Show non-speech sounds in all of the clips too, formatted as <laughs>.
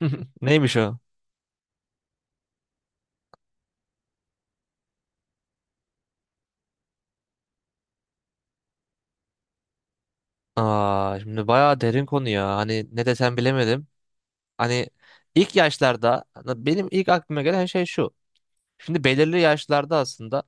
<laughs> Neymiş o? Aa, şimdi bayağı derin konu ya. Hani ne desem bilemedim. Hani ilk yaşlarda benim ilk aklıma gelen şey şu. Şimdi belirli yaşlarda aslında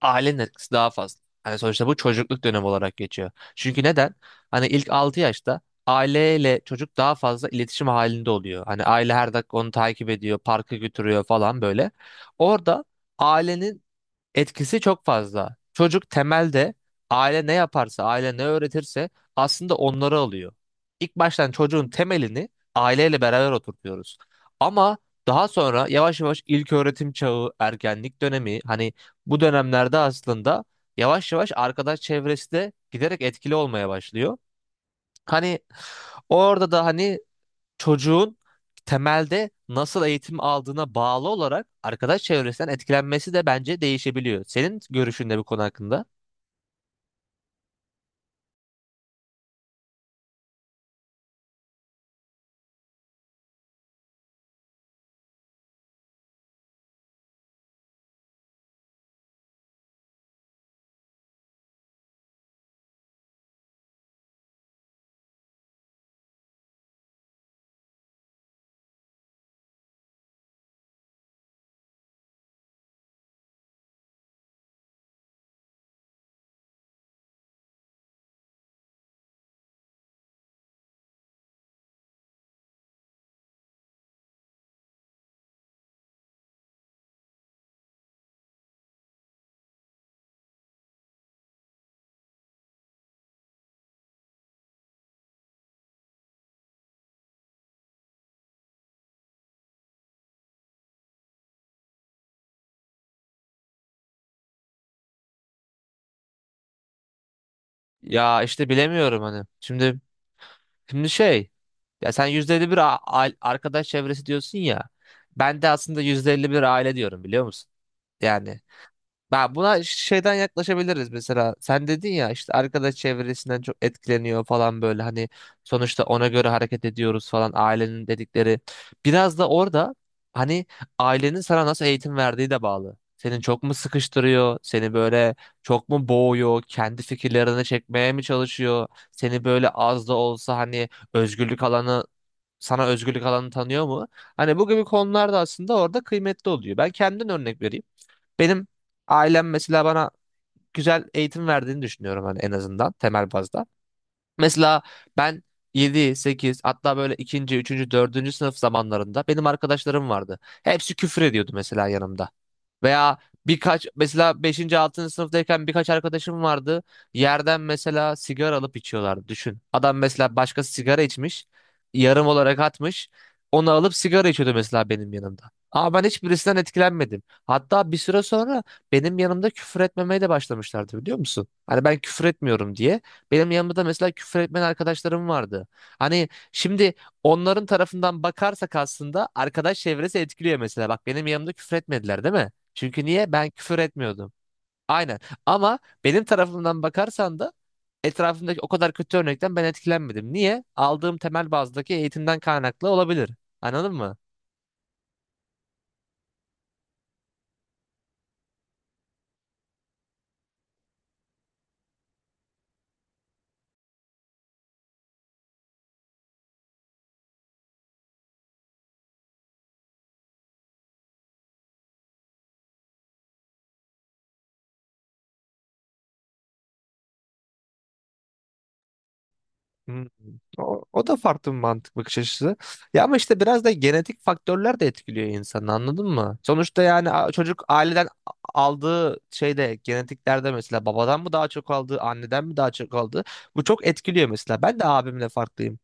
ailenin etkisi daha fazla. Hani sonuçta bu çocukluk dönemi olarak geçiyor. Çünkü neden? Hani ilk 6 yaşta aileyle çocuk daha fazla iletişim halinde oluyor. Hani aile her dakika onu takip ediyor, parka götürüyor falan böyle. Orada ailenin etkisi çok fazla. Çocuk temelde aile ne yaparsa, aile ne öğretirse aslında onları alıyor. İlk baştan çocuğun temelini aileyle beraber oturtuyoruz. Ama daha sonra yavaş yavaş ilköğretim çağı, ergenlik dönemi hani bu dönemlerde aslında yavaş yavaş arkadaş çevresi de giderek etkili olmaya başlıyor. Hani orada da hani çocuğun temelde nasıl eğitim aldığına bağlı olarak arkadaş çevresinden etkilenmesi de bence değişebiliyor. Senin görüşün ne bu konu hakkında? Ya işte bilemiyorum hani. Şimdi ya sen %51 arkadaş çevresi diyorsun ya. Ben de aslında %51 aile diyorum biliyor musun? Yani ben buna şeyden yaklaşabiliriz mesela. Sen dedin ya işte arkadaş çevresinden çok etkileniyor falan böyle hani sonuçta ona göre hareket ediyoruz falan ailenin dedikleri. Biraz da orada hani ailenin sana nasıl eğitim verdiği de bağlı. Senin çok mu sıkıştırıyor? Seni böyle çok mu boğuyor? Kendi fikirlerini çekmeye mi çalışıyor? Seni böyle az da olsa hani özgürlük alanı sana özgürlük alanı tanıyor mu? Hani bu gibi konularda aslında orada kıymetli oluyor. Ben kendimden örnek vereyim. Benim ailem mesela bana güzel eğitim verdiğini düşünüyorum hani en azından temel bazda. Mesela ben 7 8 hatta böyle ikinci üçüncü dördüncü sınıf zamanlarında benim arkadaşlarım vardı. Hepsi küfür ediyordu mesela yanımda. Veya birkaç mesela beşinci altıncı sınıftayken birkaç arkadaşım vardı. Yerden mesela sigara alıp içiyorlardı. Düşün. Adam mesela başkası sigara içmiş. Yarım olarak atmış. Onu alıp sigara içiyordu mesela benim yanımda. Ama ben hiçbirisinden etkilenmedim. Hatta bir süre sonra benim yanımda küfür etmemeye de başlamışlardı biliyor musun? Hani ben küfür etmiyorum diye. Benim yanımda da mesela küfür etmeyen arkadaşlarım vardı. Hani şimdi onların tarafından bakarsak aslında arkadaş çevresi etkiliyor mesela. Bak benim yanımda küfür etmediler değil mi? Çünkü niye? Ben küfür etmiyordum. Aynen. Ama benim tarafımdan bakarsan da etrafımdaki o kadar kötü örnekten ben etkilenmedim. Niye? Aldığım temel bazdaki eğitimden kaynaklı olabilir. Anladın mı? Hmm. O da farklı bir mantık bakış açısı. Ya ama işte biraz da genetik faktörler de etkiliyor insanı anladın mı? Sonuçta yani çocuk aileden aldığı şeyde genetiklerde mesela babadan mı daha çok aldı, anneden mi daha çok aldı? Bu çok etkiliyor mesela. Ben de abimle farklıyım.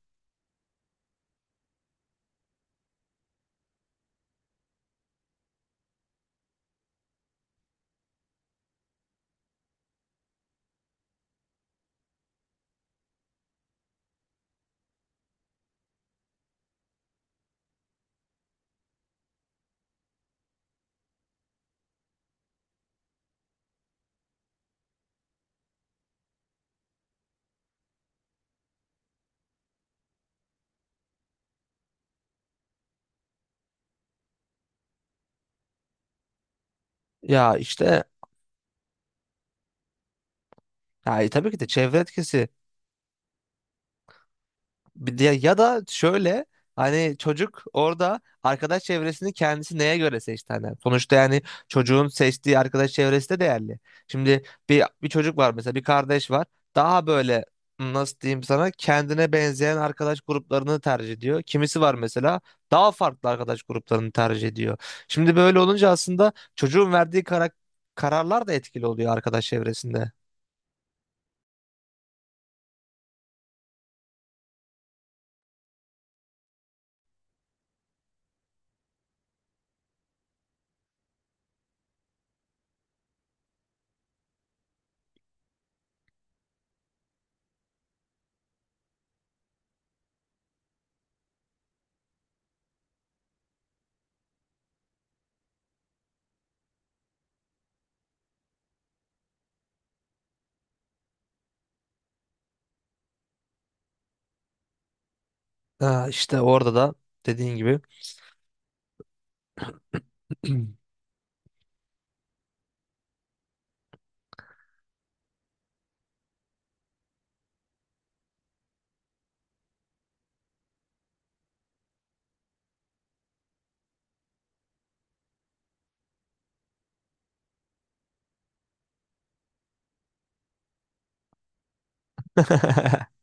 Ya işte. Yani tabii ki de çevre etkisi. Ya da şöyle hani çocuk orada arkadaş çevresini kendisi neye göre seçti hani. Sonuçta yani çocuğun seçtiği arkadaş çevresi de değerli. Şimdi bir çocuk var mesela bir kardeş var. Daha böyle nasıl diyeyim sana kendine benzeyen arkadaş gruplarını tercih ediyor. Kimisi var mesela daha farklı arkadaş gruplarını tercih ediyor. Şimdi böyle olunca aslında çocuğun verdiği kararlar da etkili oluyor arkadaş çevresinde. Ha, işte orada da dediğin gibi. <clears throat> <laughs>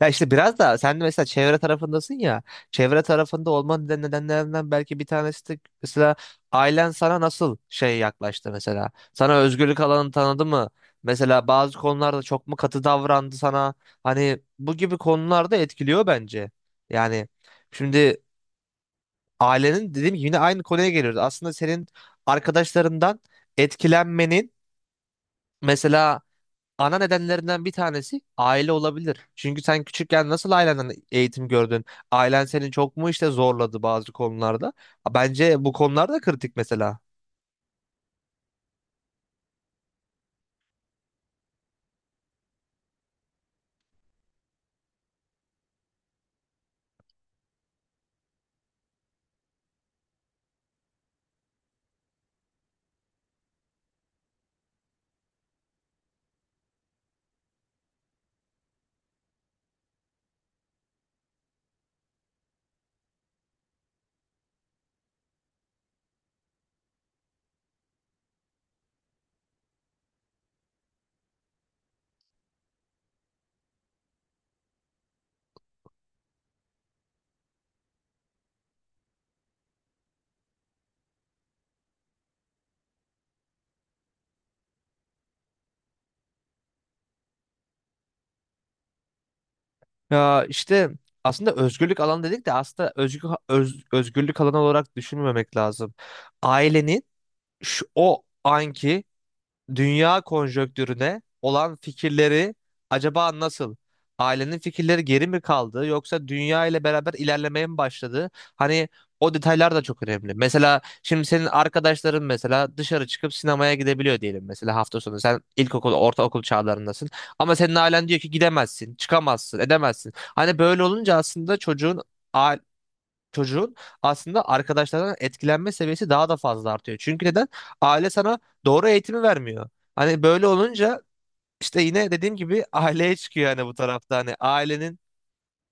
Ya işte biraz da sen de mesela çevre tarafındasın ya. Çevre tarafında olmanın nedenlerinden belki bir tanesi de mesela ailen sana nasıl yaklaştı mesela. Sana özgürlük alanını tanıdı mı? Mesela bazı konularda çok mu katı davrandı sana? Hani bu gibi konularda etkiliyor bence. Yani şimdi ailenin dediğim gibi yine aynı konuya geliyoruz. Aslında senin arkadaşlarından etkilenmenin mesela ana nedenlerinden bir tanesi aile olabilir. Çünkü sen küçükken nasıl ailenden eğitim gördün? Ailen seni çok mu işte zorladı bazı konularda? Bence bu konular da kritik mesela. Ya işte aslında özgürlük alanı dedik de aslında özgürlük alanı olarak düşünmemek lazım. Ailenin şu, o anki dünya konjonktürüne olan fikirleri acaba nasıl? Ailenin fikirleri geri mi kaldı yoksa dünya ile beraber ilerlemeye mi başladı? Hani o detaylar da çok önemli. Mesela şimdi senin arkadaşların mesela dışarı çıkıp sinemaya gidebiliyor diyelim mesela hafta sonu. Sen ilkokul, ortaokul çağlarındasın. Ama senin ailen diyor ki gidemezsin, çıkamazsın, edemezsin. Hani böyle olunca aslında çocuğun aslında arkadaşlarından etkilenme seviyesi daha da fazla artıyor. Çünkü neden? Aile sana doğru eğitimi vermiyor. Hani böyle olunca işte yine dediğim gibi <laughs> aileye çıkıyor hani bu tarafta. Hani ailenin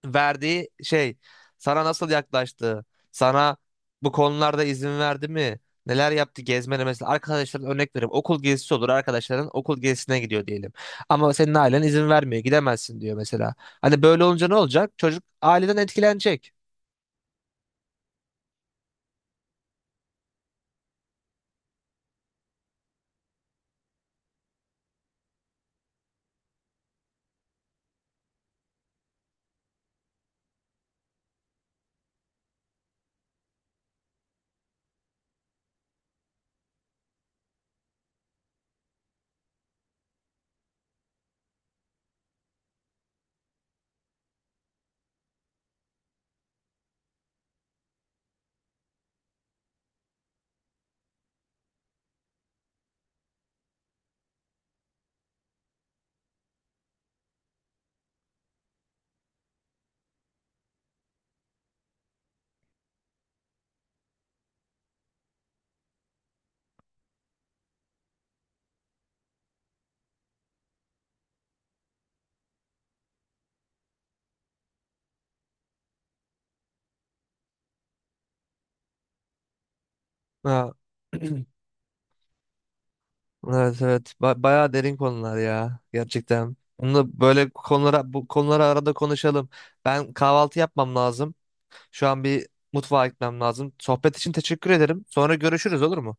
verdiği şey sana nasıl yaklaştı, sana bu konularda izin verdi mi? Neler yaptı gezmene mesela arkadaşların örnek verip okul gezisi olur arkadaşların okul gezisine gidiyor diyelim. Ama senin ailen izin vermiyor gidemezsin diyor mesela. Hani böyle olunca ne olacak? Çocuk aileden etkilenecek. Ha. <clears throat> Evet evet bayağı derin konular ya gerçekten. Bunu böyle konulara bu konuları arada konuşalım. Ben kahvaltı yapmam lazım. Şu an bir mutfağa gitmem lazım. Sohbet için teşekkür ederim. Sonra görüşürüz olur mu?